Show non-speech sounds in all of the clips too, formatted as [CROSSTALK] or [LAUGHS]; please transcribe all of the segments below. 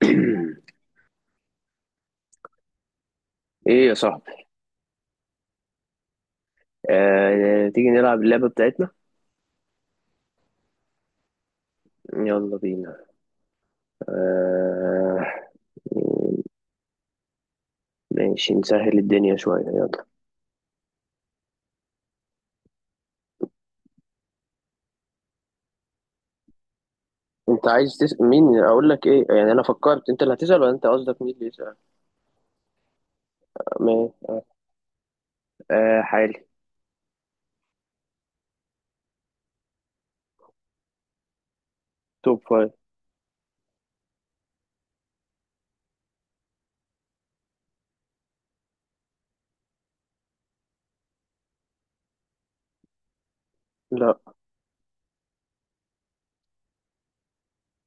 [COUGHS] [CLEARS THROAT] ايه يا صاحبي. تيجي نلعب اللعبة بتاعتنا. يلا بينا. آه، ماشي، نسهل الدنيا شوية، يلا. انت عايز تسأل مين؟ اقول لك ايه يعني؟ انا فكرت انت اللي هتسأل، ولا انت قصدك مين اللي يسأل؟ ما آه، حالي. توب فايف. لا.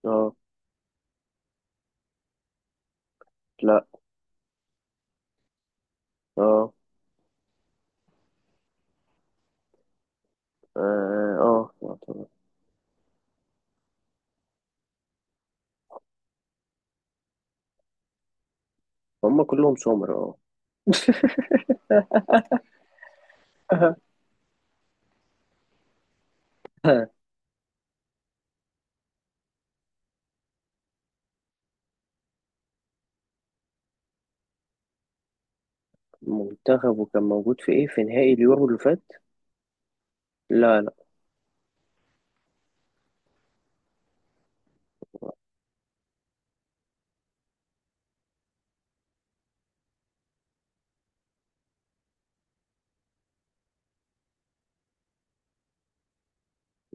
اه. لا. اه. اه. اه. طبعا. هم كلهم سمر، اه. [LAUGHS] منتخبه كان موجود في ايه، في نهائي اليورو اللي فات؟ لا، لا.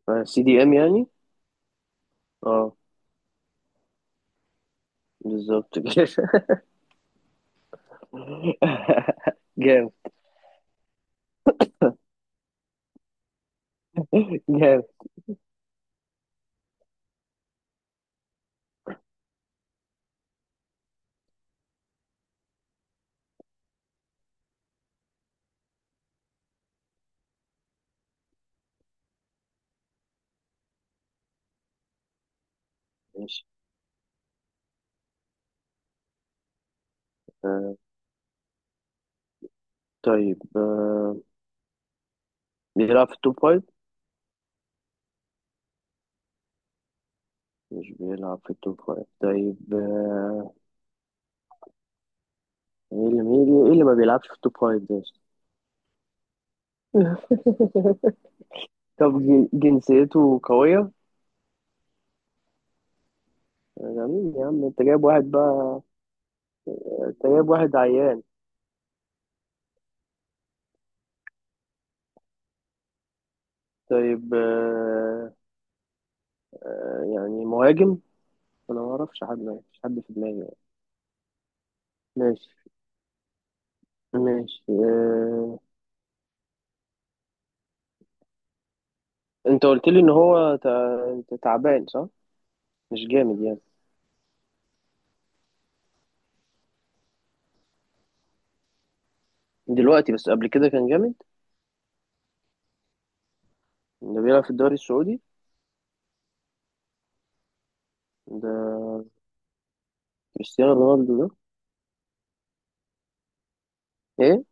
CDM يعني. اه. بالظبط كده. [LAUGHS] جامد. جامد. ماشي. آه طيب. بيلعب في التوب فايف؟ مش بيلعب في التوب فايف، طيب. ايه اللي ايه اللي ما بيلعبش في التوب فايف ده؟ [LAUGHS] طب جنسيته قوية؟ ده مين يا عم؟ انت جايب واحد بقى. انت جايب واحد عيان؟ طيب. يعني مهاجم. انا ما اعرفش حد، مفيش حد في دماغي يعني. ماشي. ماشي. انت قلت لي ان هو انت تعبان، صح؟ مش جامد يعني؟ دلوقتي، بس قبل كده كان جامد؟ اللي بيلعب في الدوري السعودي ده كريستيانو رونالدو ده؟ ايه؟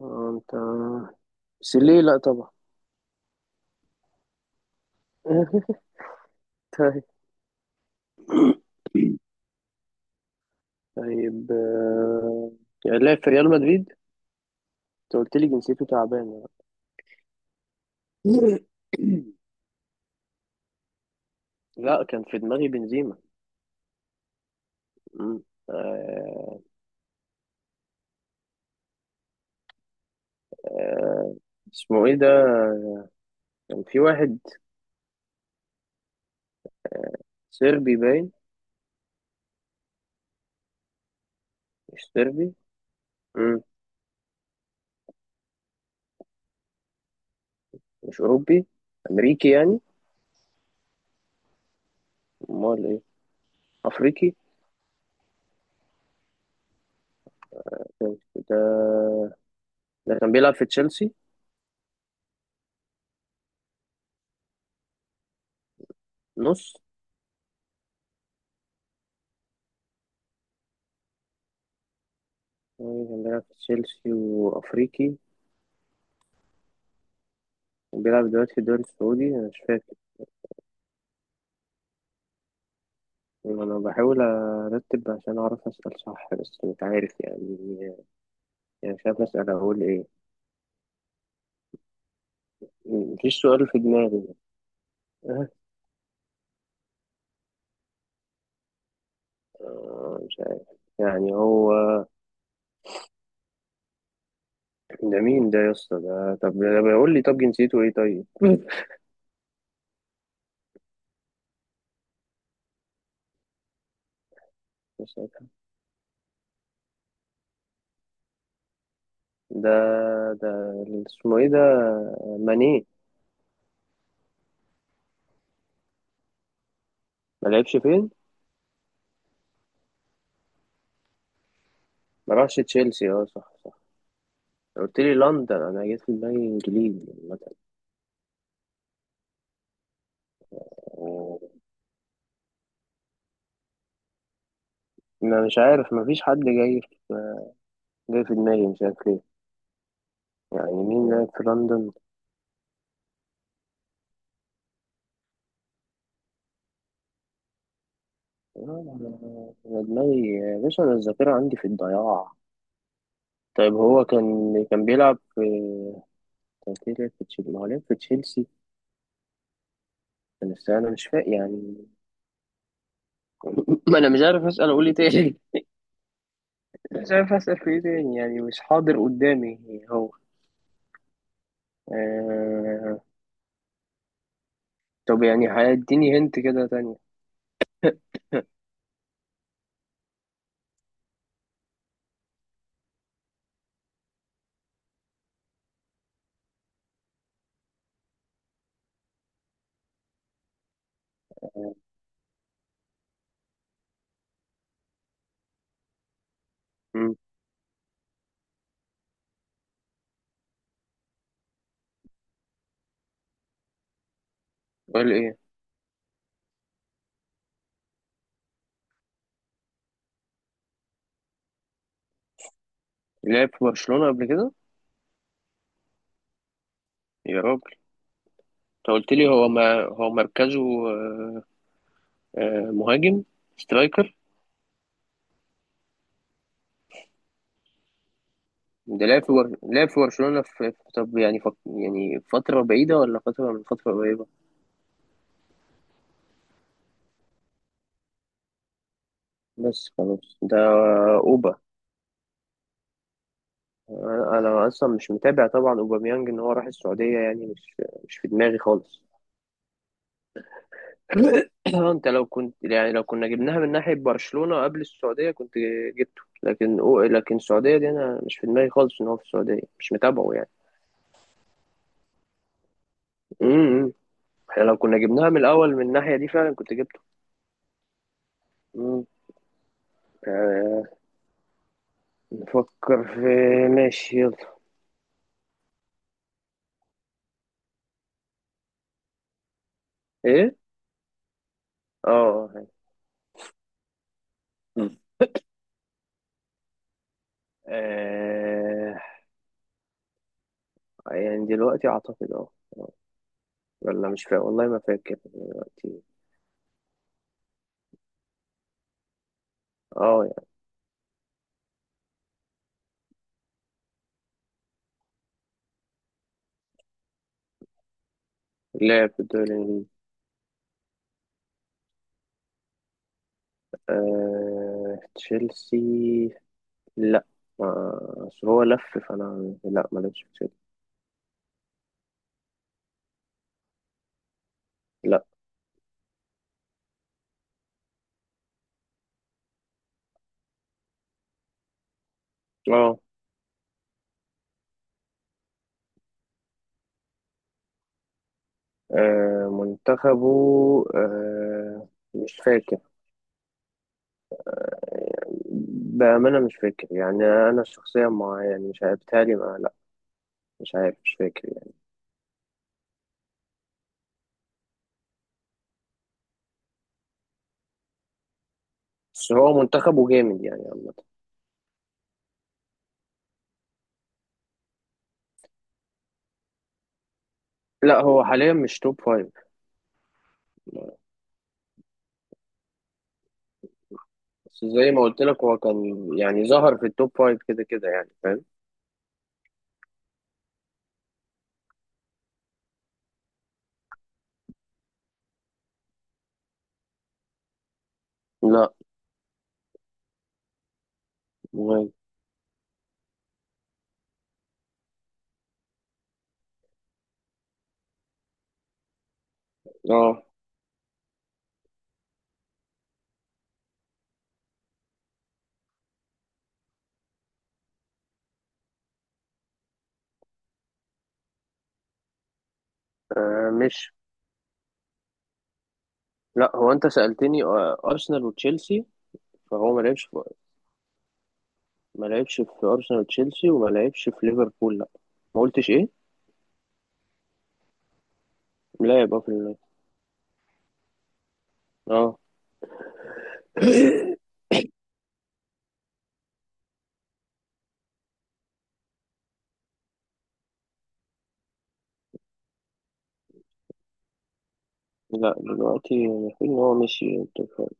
انت سيليه؟ لا طبعا. [LAUGHS] طيب. طيب. كان لعب في ريال مدريد؟ انت قلت لي جنسيته تعبانه. [COUGHS] [LAUGHS] لا، كان في دماغي بنزيما. مم. آه، اسمه ايه ده؟ كان في واحد صربي باين؟ مش صربي؟ مم. مش اوروبي؟ امريكي يعني؟ امال ايه؟ افريقي. طيب، ده ده كان بيلعب في تشيلسي؟ نص؟ مين كان بيلعب في تشيلسي وأفريقي وبيلعب دلوقتي في الدوري السعودي؟ أنا مش فاكر. أنا بحاول أرتب عشان أعرف أسأل صح، بس مش عارف يعني. يعني مش عارف أسأل أقول إيه. مفيش سؤال في دماغي. آه، مش عارف. يعني هو ده مين ده يا اسطى؟ ده طب ده بيقول لي طب جنسيته إيه؟ طيب. [LAUGHS] مش عارف. ده ده اللي اسمه إيه ده؟ ماني؟ ما لعبش فين؟ ما راحش تشيلسي، أه صح صح. قلت لي لندن، أنا جيت في دماغي إنجليزي مثلا. أنا مش عارف، مفيش حد جاي في دماغي، مش عارف ليه. يعني مين لعب في لندن؟ أنا دماغي يا باشا، أنا الذاكرة عندي في الضياع. طيب، هو كان بيلعب في، كان في لعب في تشيلسي، ما هو لعب في تشيلسي. بس أنا مش فاهم يعني. [LAUGHS] ما أنا مش عارف أسأل أقول إيه تاني. [LAUGHS] مش عارف أسأل في إيه تاني، يعني مش حاضر قدامي هو. آه... طب يعني هيديني هنت كده تانية. مم. قول إيه؟ لعب في برشلونة قبل كده؟ يا رب. انت قلت لي هو ما هو مركزه. آه، مهاجم. سترايكر. ده لعب في لعب في برشلونة، طب يعني يعني فترة بعيدة ولا فترة من فترة قريبة؟ بس خلاص، ده أوبا. أنا أصلا مش متابع طبعا أوباميانج إن هو راح السعودية، يعني مش في دماغي خالص. [COUGHS] [CLEARS THROAT] اه، انت لو كنت، يعني لو كنا جبناها من ناحية برشلونة قبل السعودية كنت جبته، لكن لكن السعودية دي انا مش في دماغي خالص ان هو في السعودية، مش متابعه يعني. امم احنا لو كنا جبناها من الاول من الناحيه دي فعلا كنت جبته. مم. آه، نفكر في. ماشي، يلا. ايه. اه. مم. آه، يعني دلوقتي اعتقد، اه. آه. ولا مش فاكر والله، ما فاكر دلوقتي. اه. يعني لعب في الدوري الانجليزي. تشيلسي؟ لا، اصل هو لف فانا، لا ما لعبش في تشيلسي. لا. اه. منتخبه. آه، مش فاكر. بأمانة مش فاكر، يعني أنا شخصيا ما، يعني مش عارف، بتهيألي ما، لا. مش عارف، مش فاكر يعني. بس هو منتخبه جامد يعني عامة. لا، هو حاليا مش توب فايف. بس زي ما قلت لك هو كان يعني ظهر في التوب فايف كده كده، يعني فاهم. لا. مهم. اه. مش لا، هو أنت سألتني أرسنال وتشيلسي. فهو ما لعبش في، ما لعبش في أرسنال وتشيلسي وما لعبش في ليفربول، لا. ما قلتش إيه؟ لا، يبقى اه. [COUGHS] لا، دلوقتي المفروض إن هو مشي التوب فايف.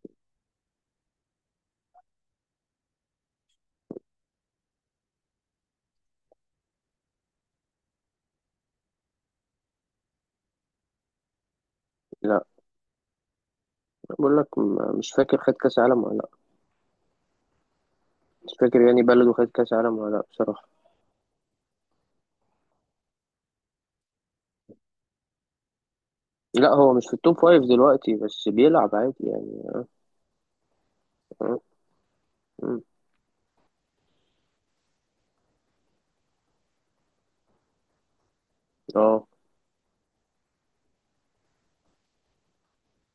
لا. بقول لك مش فاكر، خد كاس عالم ولا لا. مش فاكر يعني بلده خد كاس عالم ولا لا بصراحة. لا، هو مش في التوب فايف دلوقتي بس بيلعب عادي يعني. اه. مم. آه.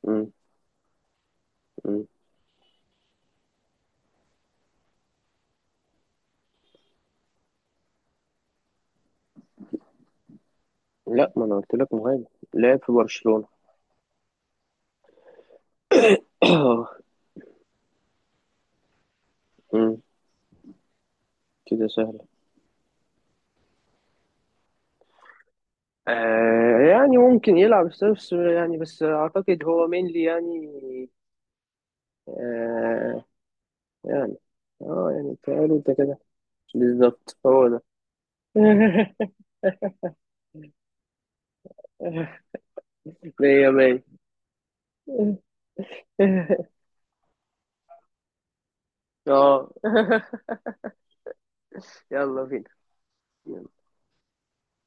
مم. مم. لا، ما انا قلت لك مهاجم، لعب في برشلونة. [COUGHS] [CLEARS THROAT] مم. كده سهلة. آه يعني ممكن يلعب، بس يعني بس اعتقد هو مينلي يعني. آه يعني، اه يعني تعالوا انت كده. بالظبط هو ده. [LAUGHS] مية مية. [LAUGHS] اه. [LAUGHS] يلا بينا.